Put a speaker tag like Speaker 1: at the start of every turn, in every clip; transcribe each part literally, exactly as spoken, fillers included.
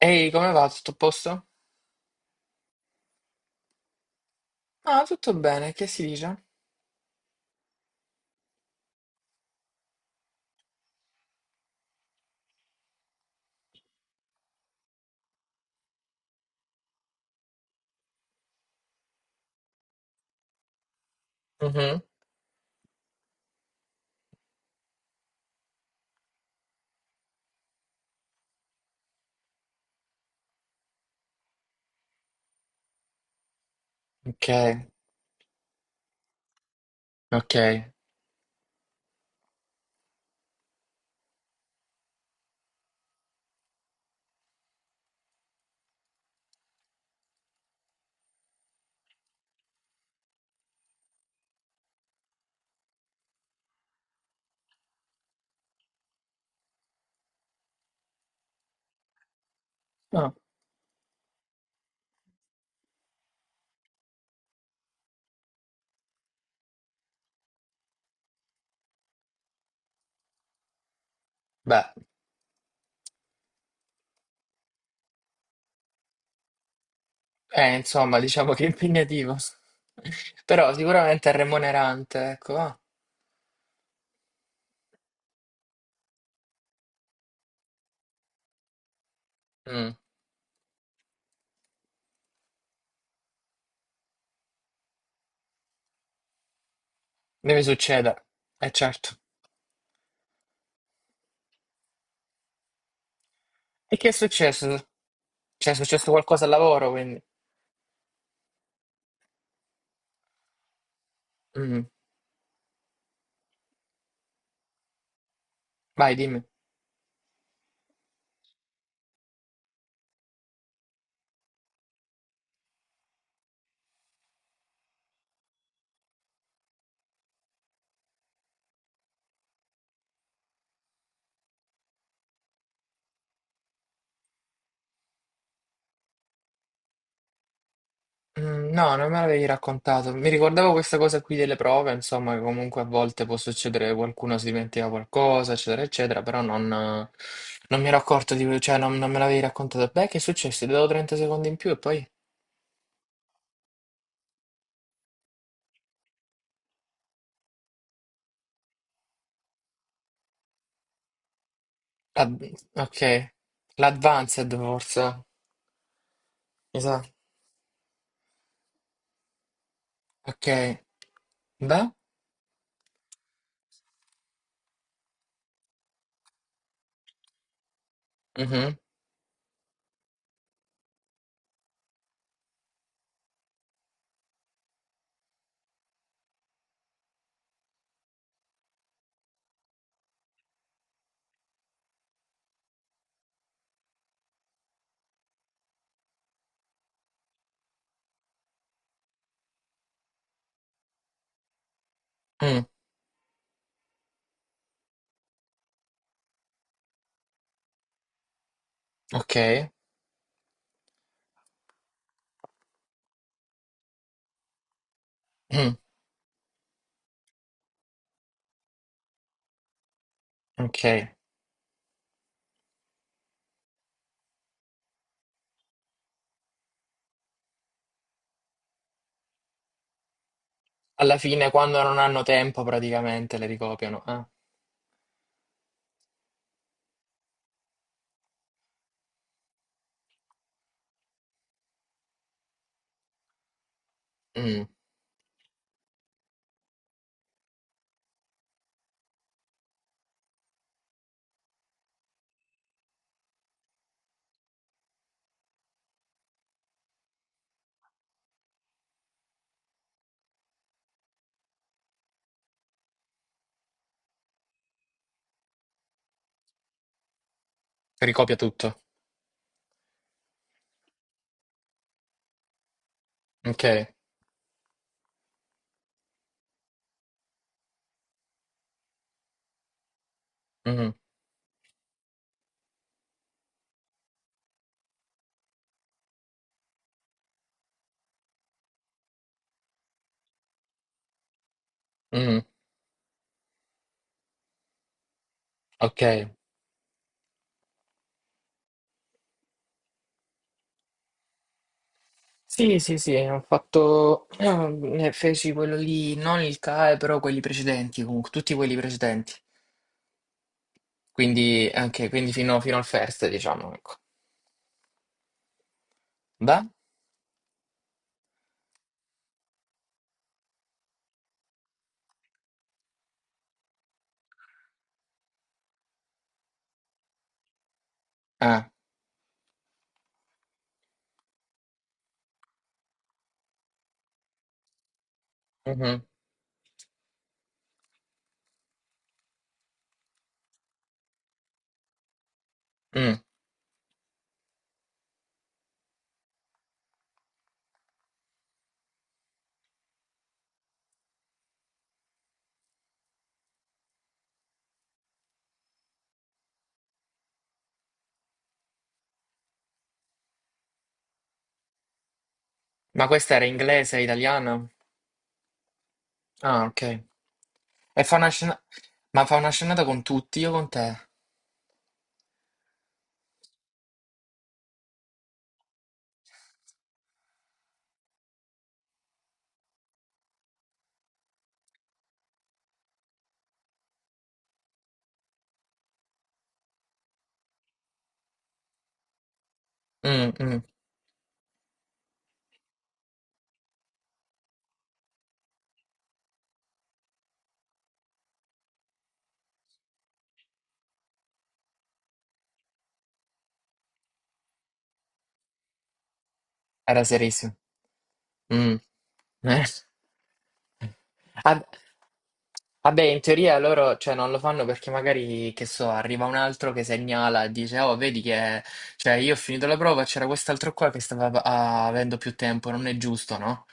Speaker 1: Ehi, come va? Tutto a posto? Ah, tutto bene, che si dice? Mhm. Ok, ok. Ah, beh, eh, insomma, diciamo che è impegnativo. Però sicuramente è remunerante, ecco. Ah. Mm. Deve succedere, è certo. E che è successo? Cioè, è successo qualcosa al lavoro, quindi. Mm. Vai, dimmi. Mm. No, non me l'avevi raccontato. Mi ricordavo questa cosa qui delle prove, insomma, che comunque a volte può succedere che qualcuno si dimentica qualcosa, eccetera, eccetera, però non, eh, non mi ero accorto di, cioè non, non me l'avevi raccontato. Beh, che è successo? Ti do trenta secondi in più e poi... Ad- ok, l'advanced forse, mi sa. Ok, beh, mhm, mm, ok, mm, ok. Alla fine, quando non hanno tempo, praticamente le ricopiano. Eh. Mm. Ricopia tutto. Ok. Mhm. Mhm. Ok, sì, sì, sì, ho fatto, eh, feci quello lì, non il C A E, però quelli precedenti, comunque, tutti quelli precedenti, quindi anche, quindi fino, fino al first, diciamo, ecco. Da? Ah, mhm, mm. Ma questa era inglese, italiana? Ah, ok. E fa una scena, ma fa una scenata con tutti, io con te? Mm, mm. Era serissimo. Mm. Eh. Ah, vabbè, in teoria loro, cioè, non lo fanno perché magari, che so, arriva un altro che segnala e dice, oh, vedi che, cioè, io ho finito la prova, c'era quest'altro qua che stava ah, avendo più tempo, non è giusto, no?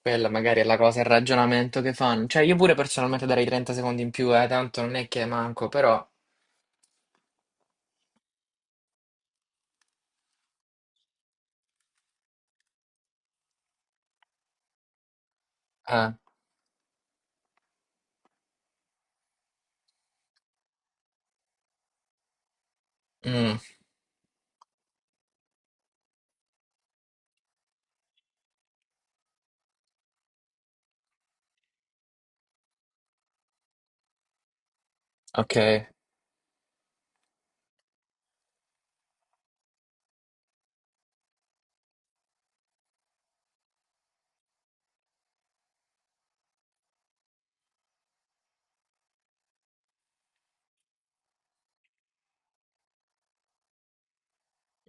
Speaker 1: Quella magari è la cosa, il ragionamento che fanno. Cioè, io pure personalmente darei trenta secondi in più, eh, tanto non è che manco, però... eh, mm, ok.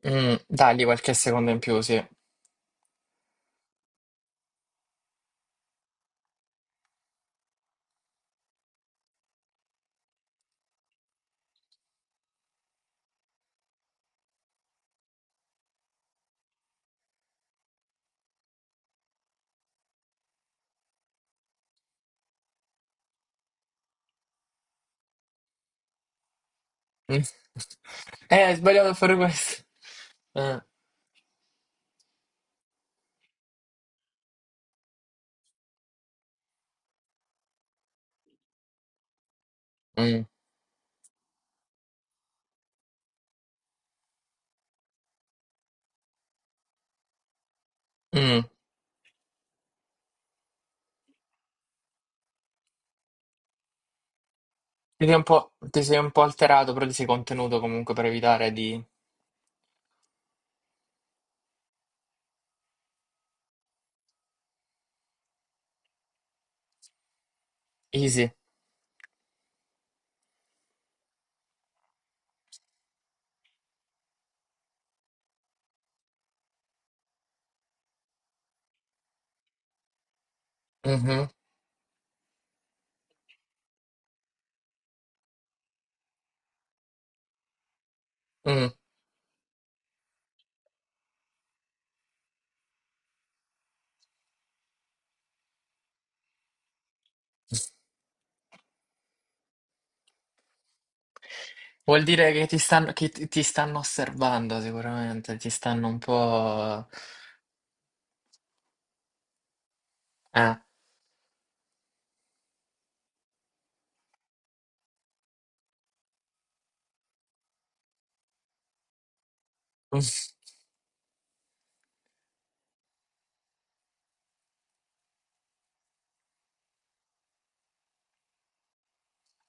Speaker 1: Mm, dagli qualche secondo in più, sì. Mm. Eh, hai sbagliato a fare questo. Eh, mm, mm. Ti sei un po', ti sei un po' alterato, però ti sei contenuto comunque per evitare di... Easy. Mhm. Mm. Vuol dire che ti stanno, che ti ti stanno osservando sicuramente, ti stanno un po'... Eh.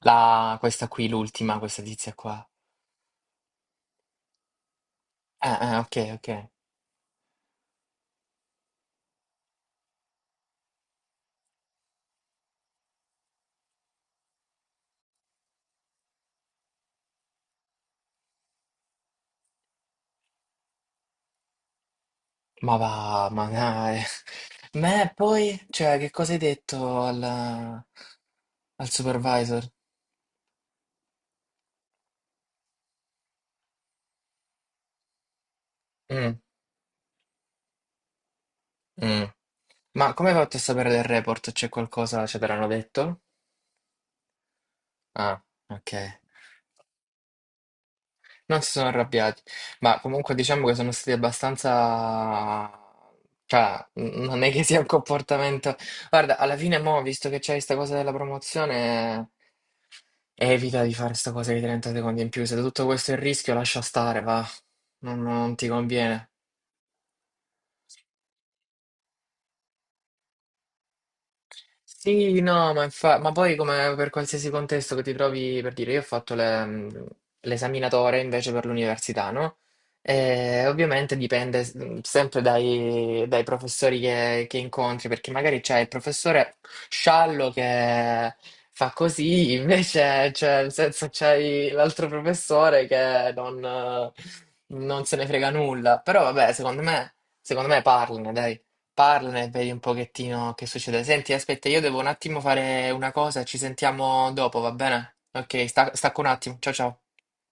Speaker 1: La, questa qui, l'ultima, questa tizia qua. Eh, eh, ok, ok. Ma va, ma dai. Ma e poi, cioè, che cosa hai detto al, al supervisor? Mm, mm. Ma come hai fatto a sapere del report? C'è qualcosa, ce te l'hanno detto? Ah, ok. Non si sono arrabbiati, ma comunque diciamo che sono stati abbastanza... Cioè, n- non è che sia un comportamento... Guarda, alla fine mo, visto che c'è questa cosa della promozione, evita di fare sta cosa di trenta secondi in più. Se tutto questo è il rischio, lascia stare, va. non non ti conviene. Sì, no, ma, infa- ma poi come per qualsiasi contesto che ti trovi, per dire, io ho fatto le- mh, l'esaminatore invece per l'università, no? E ovviamente dipende s- mh, sempre dai, dai professori che, che incontri, perché magari c'è il professore sciallo che fa così, invece cioè, nel senso, c'hai l'altro professore che non, eh, non se ne frega nulla. Però vabbè, secondo me, secondo me parlane, dai. Parlane e vedi un pochettino che succede. Senti, aspetta, io devo un attimo fare una cosa, ci sentiamo dopo, va bene? Ok, sta- stacco un attimo. Ciao ciao.